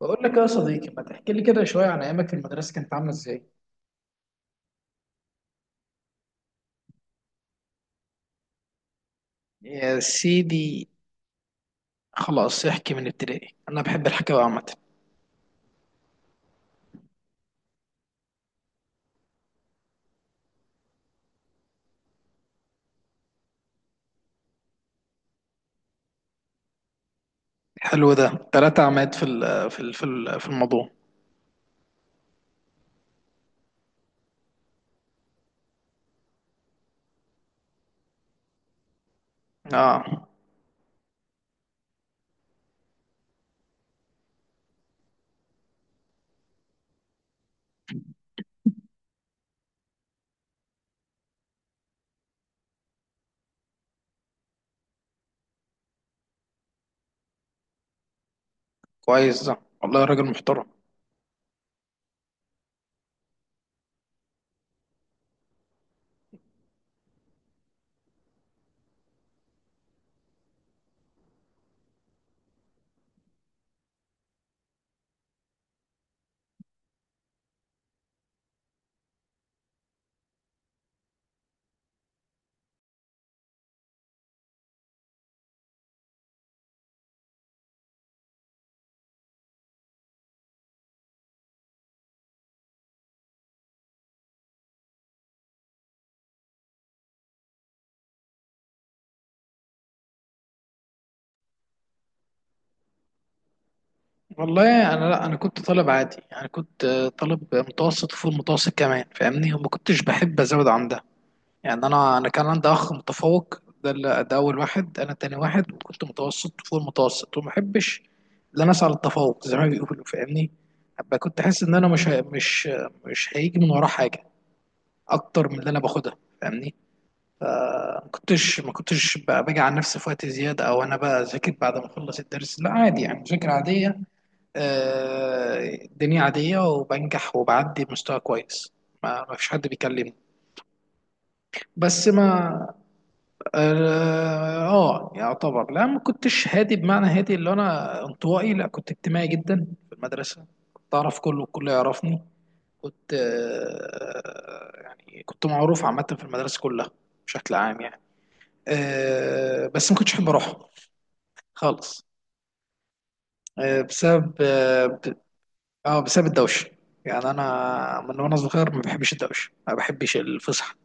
بقول لك يا صديقي، ما تحكي لي كده شوية عن أيامك في المدرسة، كانت عاملة إزاي؟ يا سيدي، خلاص احكي من ابتدائي، أنا بحب الحكاية عامة. حلو ده، تلاتة عماد في الموضوع. آه، كويس ده. والله راجل محترم. والله، أنا لا، أنا كنت طالب عادي، يعني كنت طالب متوسط وفوق المتوسط كمان، فاهمني، وما كنتش بحب أزود عن ده. يعني انا كان عندي اخ متفوق. ده اول واحد، انا تاني واحد، وكنت متوسط فوق المتوسط، وما احبش ان انا اسعى للتفوق زي ما بيقولوا، فاهمني. ابقى كنت حاسس ان انا مش هي- مش مش هيجي من وراه حاجه اكتر من اللي انا باخدها، فاهمني. فما كنتش ما كنتش بقى باجي على نفسي في وقت زياده، او انا بقى اذاكر بعد ما اخلص الدرس. لا، عادي يعني، مذاكره عاديه. الدنيا عاديه، وبنجح وبعدي بمستوى كويس. ما فيش حد بيكلمني. بس ما... يعتبر. لا، ما كنتش هادي بمعنى هادي اللي انا انطوائي، لا، كنت اجتماعي جدا في المدرسه. كنت اعرف كله والكل يعرفني. كنت يعني كنت معروف عامه في المدرسه كلها، بشكل عام يعني. بس ما كنتش احب اروحها خالص. آه، بسبب اه ب- آه، بسبب الدوشه. يعني انا من وانا صغير ما بحبش الدوشه، ما بحبش الفسح.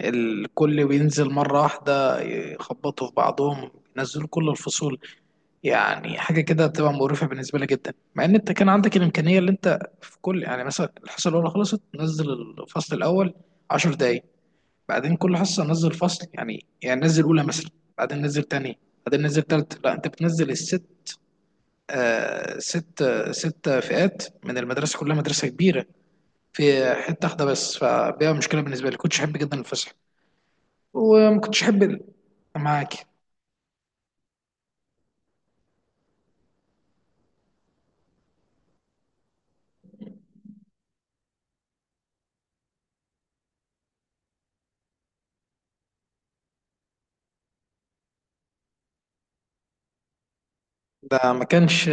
الكل بينزل مره واحده يخبطوا في بعضهم، ينزلوا كل الفصول. يعني حاجه كده بتبقى مقرفه بالنسبه لي جدا، مع ان انت كان عندك الامكانيه اللي انت في كل، يعني مثلا الحصه الاولى خلصت نزل الفصل الاول 10 دقائق، بعدين كل حصه نزل فصل، يعني نزل اولى مثلا، بعدين نزل تاني، بعدين نزل تالت. لا، انت بتنزل الست. ست فئات من المدرسه كلها، مدرسه كبيره في حته واحده بس، فبيبقى مشكله بالنسبه لي، كنتش احب جدا الفسح. وما كنتش احب معاك، ده ما كانش.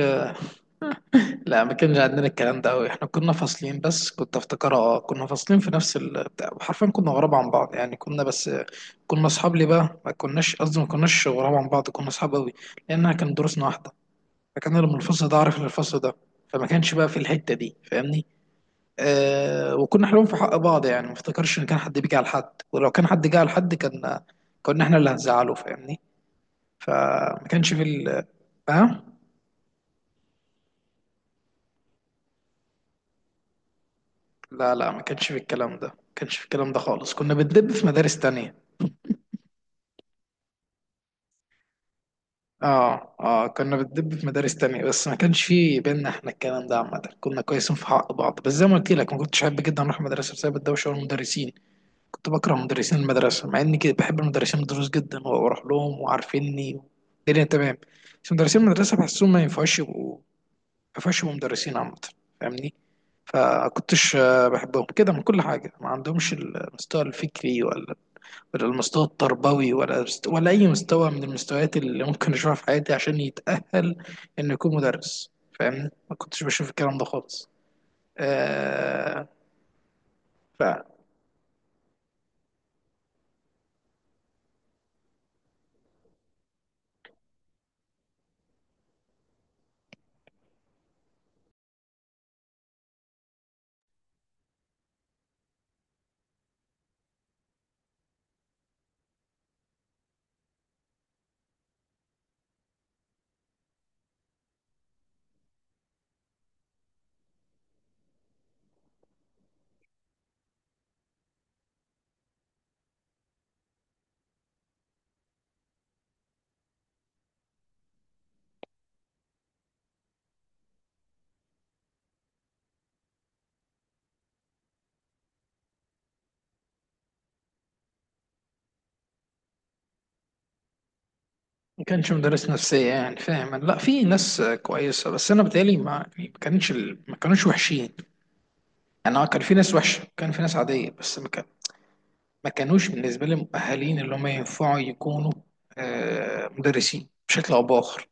لا، ما كانش عندنا الكلام ده قوي، احنا كنا فاصلين، بس كنت افتكرها، اه كنا فاصلين في نفس بتاع، حرفيا كنا غراب عن بعض يعني، كنا بس... كنا اصحاب ليه بقى، ما كناش قصدي، ما كناش غراب عن بعض، كنا اصحاب قوي، لانها كانت دروسنا واحده. فكان اللي من الفصل ده عارف اللي من الفصل ده، فما كانش بقى في الحته دي، فاهمني. وكنا حلوين في حق بعض، يعني ما افتكرش ان كان حد بيجي على حد، ولو كان حد جه على حد كان كنا احنا اللي هنزعله، فاهمني. فما كانش في ال... ها. لا، لا، ما كانش في الكلام ده، ما كانش في الكلام ده خالص، كنا بندب في مدارس تانية. اه كنا بندب في مدارس تانية، بس ما كانش في بينا احنا الكلام ده، عامة كنا كويسين في حق بعض، بس زي ما قلت لك، ما كنتش احب جدا اروح المدرسة بسبب الدوشة والمدرسين. كنت بكره مدرسين المدرسة، مع اني كده بحب المدرسين الدروس جدا، واروح لهم وعارفيني، الدنيا تمام. بس مدرسين المدرسة بحسهم ما ينفعش يبقوا، ما ينفعش يبقوا مدرسين عامة، فاهمني. فكنتش بحبهم كده من كل حاجة، ما عندهمش المستوى الفكري، ولا ولا المستوى التربوي، ولا ولا اي مستوى من المستويات اللي ممكن اشوفها في حياتي عشان يتأهل انه يكون مدرس، فاهمني. ما كنتش بشوف الكلام ده خالص. آه. ما كانش مدرس نفسية، يعني فاهم. لا، في ناس كويسة، بس انا بتهيألي ما... يعني ما كانش ال- ما كانوش وحشين، يعني كان في ناس وحشة، كان في ناس عادية، بس ما كان ما كانوش بالنسبة لي مؤهلين اللي هم ينفعوا يكونوا مدرسين بشكل او باخر،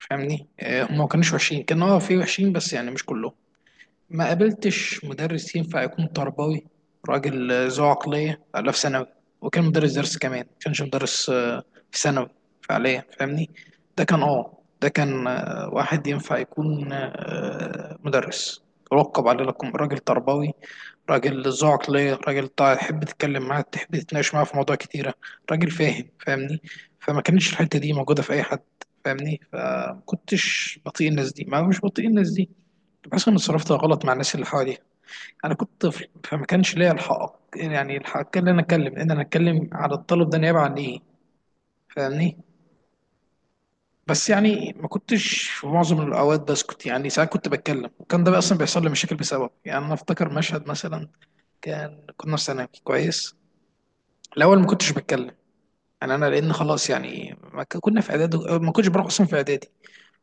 فاهمني. هم ما كانوش وحشين، كانوا في وحشين بس يعني مش كلهم. ما قابلتش مدرس ينفع يكون تربوي، راجل ذو عقلية. لا، في ثانوي، وكان مدرس درس كمان، ما كانش مدرس في ثانوي فعليا، فاهمني. ده كان واحد ينفع يكون مدرس، رقب على لكم، راجل تربوي، راجل ذو عقلية، راجل تحب تتكلم معاه، تحب تتناقش معاه في مواضيع كتيرة، راجل فاهم، فاهمني. فما كانتش الحتة دي موجودة في أي حد، فاهمني. فما كنتش بطيء الناس دي، ما مش بطيء الناس دي، بحس اني اتصرفت غلط مع الناس اللي حواليا. انا كنت طفل، فما كانش ليا الحق، يعني الحق ان انا اتكلم، ان انا اتكلم على الطلب ده نيابه عن ايه، فاهمني. بس يعني ما كنتش في معظم الاوقات بسكت، يعني ساعات كنت بتكلم، وكان ده بقى اصلا بيحصل لي مشاكل بسبب، يعني انا افتكر مشهد مثلا، كنا في ثانوي كويس. الاول ما كنتش بتكلم، يعني انا لان خلاص، يعني ما ك- كنا في اعدادي، ما كنتش بروح اصلا في اعدادي،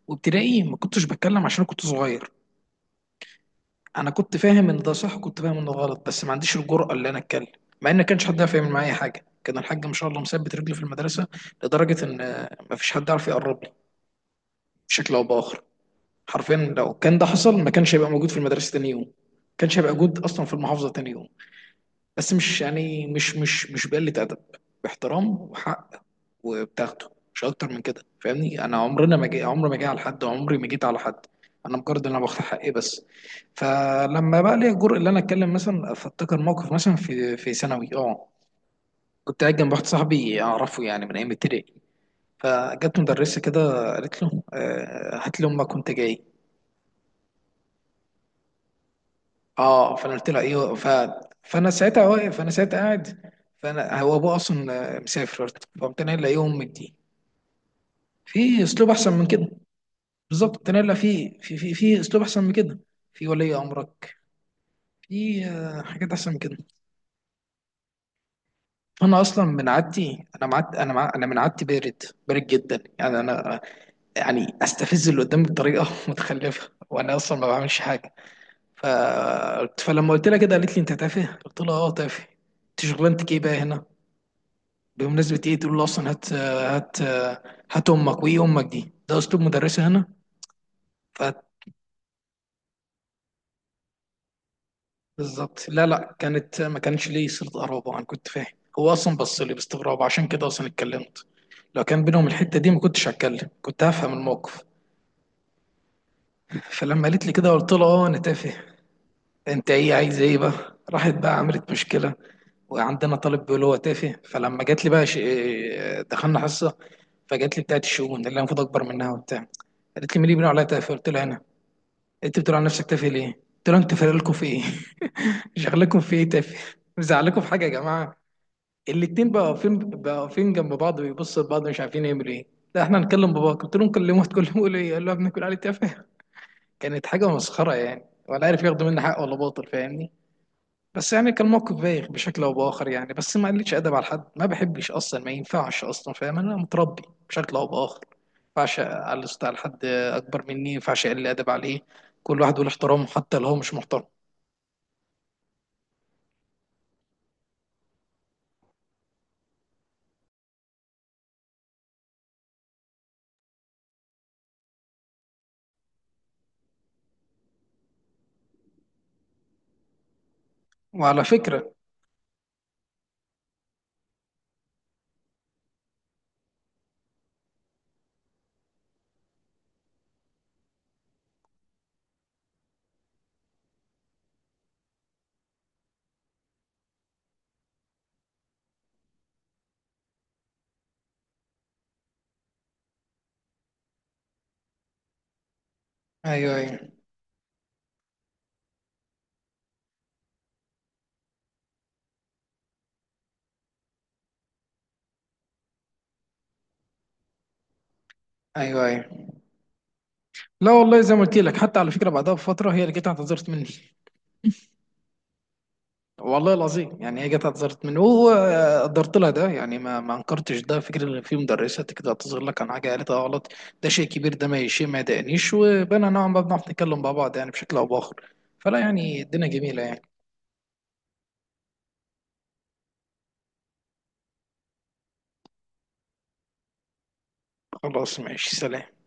وابتدائي ما كنتش بتكلم عشان كنت صغير. انا كنت فاهم ان ده صح وكنت فاهم ان ده غلط، بس ما عنديش الجرأة اللي انا اتكلم، مع ان ما كانش حد يعرف يعمل معايا حاجه، كان الحاج ما شاء الله مثبت رجله في المدرسه، لدرجه ان ما فيش حد عارف يقرب لي بشكل او باخر. حرفيا لو كان ده حصل، ما كانش هيبقى موجود في المدرسه تاني يوم، ما كانش هيبقى موجود اصلا في المحافظه تاني يوم. بس مش يعني، مش بقلة أدب، باحترام وحق، وبتاخده مش أكتر من كده، فاهمني. أنا عمرنا ما جي، عمري ما جي على حد، عمري ما جيت على حد، أنا مجرد إن أنا باخد حقي بس. فلما بقى لي الجرء اللي أنا أتكلم مثلا، فأفتكر موقف مثلا في ثانوي كنت قاعد جنب واحد صاحبي أعرفه يعني من أيام ابتدائي، فجت مدرسة كده قالت له هات لي أمك وأنت جاي. اه فانا قلت له ايوه، ف... فانا ساعتها واقف، فانا ساعتها قاعد، فانا هو ابوه اصلا مسافر، فقمت انا قايل يوم امك دي، في اسلوب احسن من كده؟ بالظبط، قمت انا قايل في اسلوب احسن من كده، في ولي امرك، في حاجات احسن من كده. فانا اصلا من عادتي، انا معد، انا مع... انا من عادتي بارد، بارد جدا، يعني انا يعني استفز اللي قدامي بطريقه متخلفه، وانا اصلا ما بعملش حاجه. ف... فلما قلت لها كده، قالت لي انت تافه. قلت لها تافه؟ انت شغلانتك ايه بقى هنا؟ بمناسبة ايه تقول له اصلا هات هات، هات امك وايه امك دي، ده اسلوب مدرسة هنا؟ ف... بالظبط، لا، لا، كانت ما كانش ليه صلة قرابة، انا كنت فاهم. هو اصلا بص لي باستغراب، عشان كده اصلا اتكلمت. لو كان بينهم الحتة دي، ما كنتش هتكلم، كنت هفهم الموقف. فلما قالت لي كده، قلت لها اه انا تافه، انت ايه، عايز ايه بقى؟ راحت بقى عملت مشكلة، وعندنا طالب بيقول هو تافه. فلما جات لي بقى ش... دخلنا حصة، فجات لي بتاعت الشؤون اللي انا المفروض اكبر منها وبتاع، قالت لي مين اللي بيقول عليا تافه؟ قلت لها انا. انت بتقول عن نفسك تافه ليه؟ قلت له انت فارق لكم في ايه؟ شغلكم في ايه تافه؟ مزعلكم في حاجه يا جماعه؟ الاتنين بقى واقفين، بقى واقفين جنب بعض، بيبصوا لبعض مش عارفين يعملوا ايه. لا احنا هنكلم باباك، قلت لهم كلموه، تكلموا له ايه؟ قال له يا ابني كل عليه تافه؟ كانت حاجه مسخره يعني، ولا عارف ياخدوا مني حق ولا باطل، فاهمني؟ بس يعني كان موقف بايخ بشكل او باخر يعني، بس ما قلتش ادب على حد، ما بحبش اصلا، ما ينفعش اصلا، فاهم انا متربي بشكل او باخر، ما ينفعش على حد اكبر مني، ما ينفعش اقل ادب عليه، كل واحد له احترامه حتى لو هو مش محترم. وعلى فكره، ايوه، ايوه، ايوه، ايوه. لا والله، زي ما قلت لك، حتى على فكره بعدها بفتره هي اللي جت اعتذرت مني. والله العظيم يعني، هي جت اعتذرت مني، وقدرت لها ده، يعني ما انكرتش ده، فكره ان في مدرسه كده تعتذر لك عن حاجه قالتها غلط، ده شيء كبير. ده ما شيء ما يضايقنيش، وبقينا نوعا ما بنعرف نتكلم مع بعض يعني بشكل او باخر، فلا، يعني الدنيا جميله يعني. خلاص، ماشي، سلام.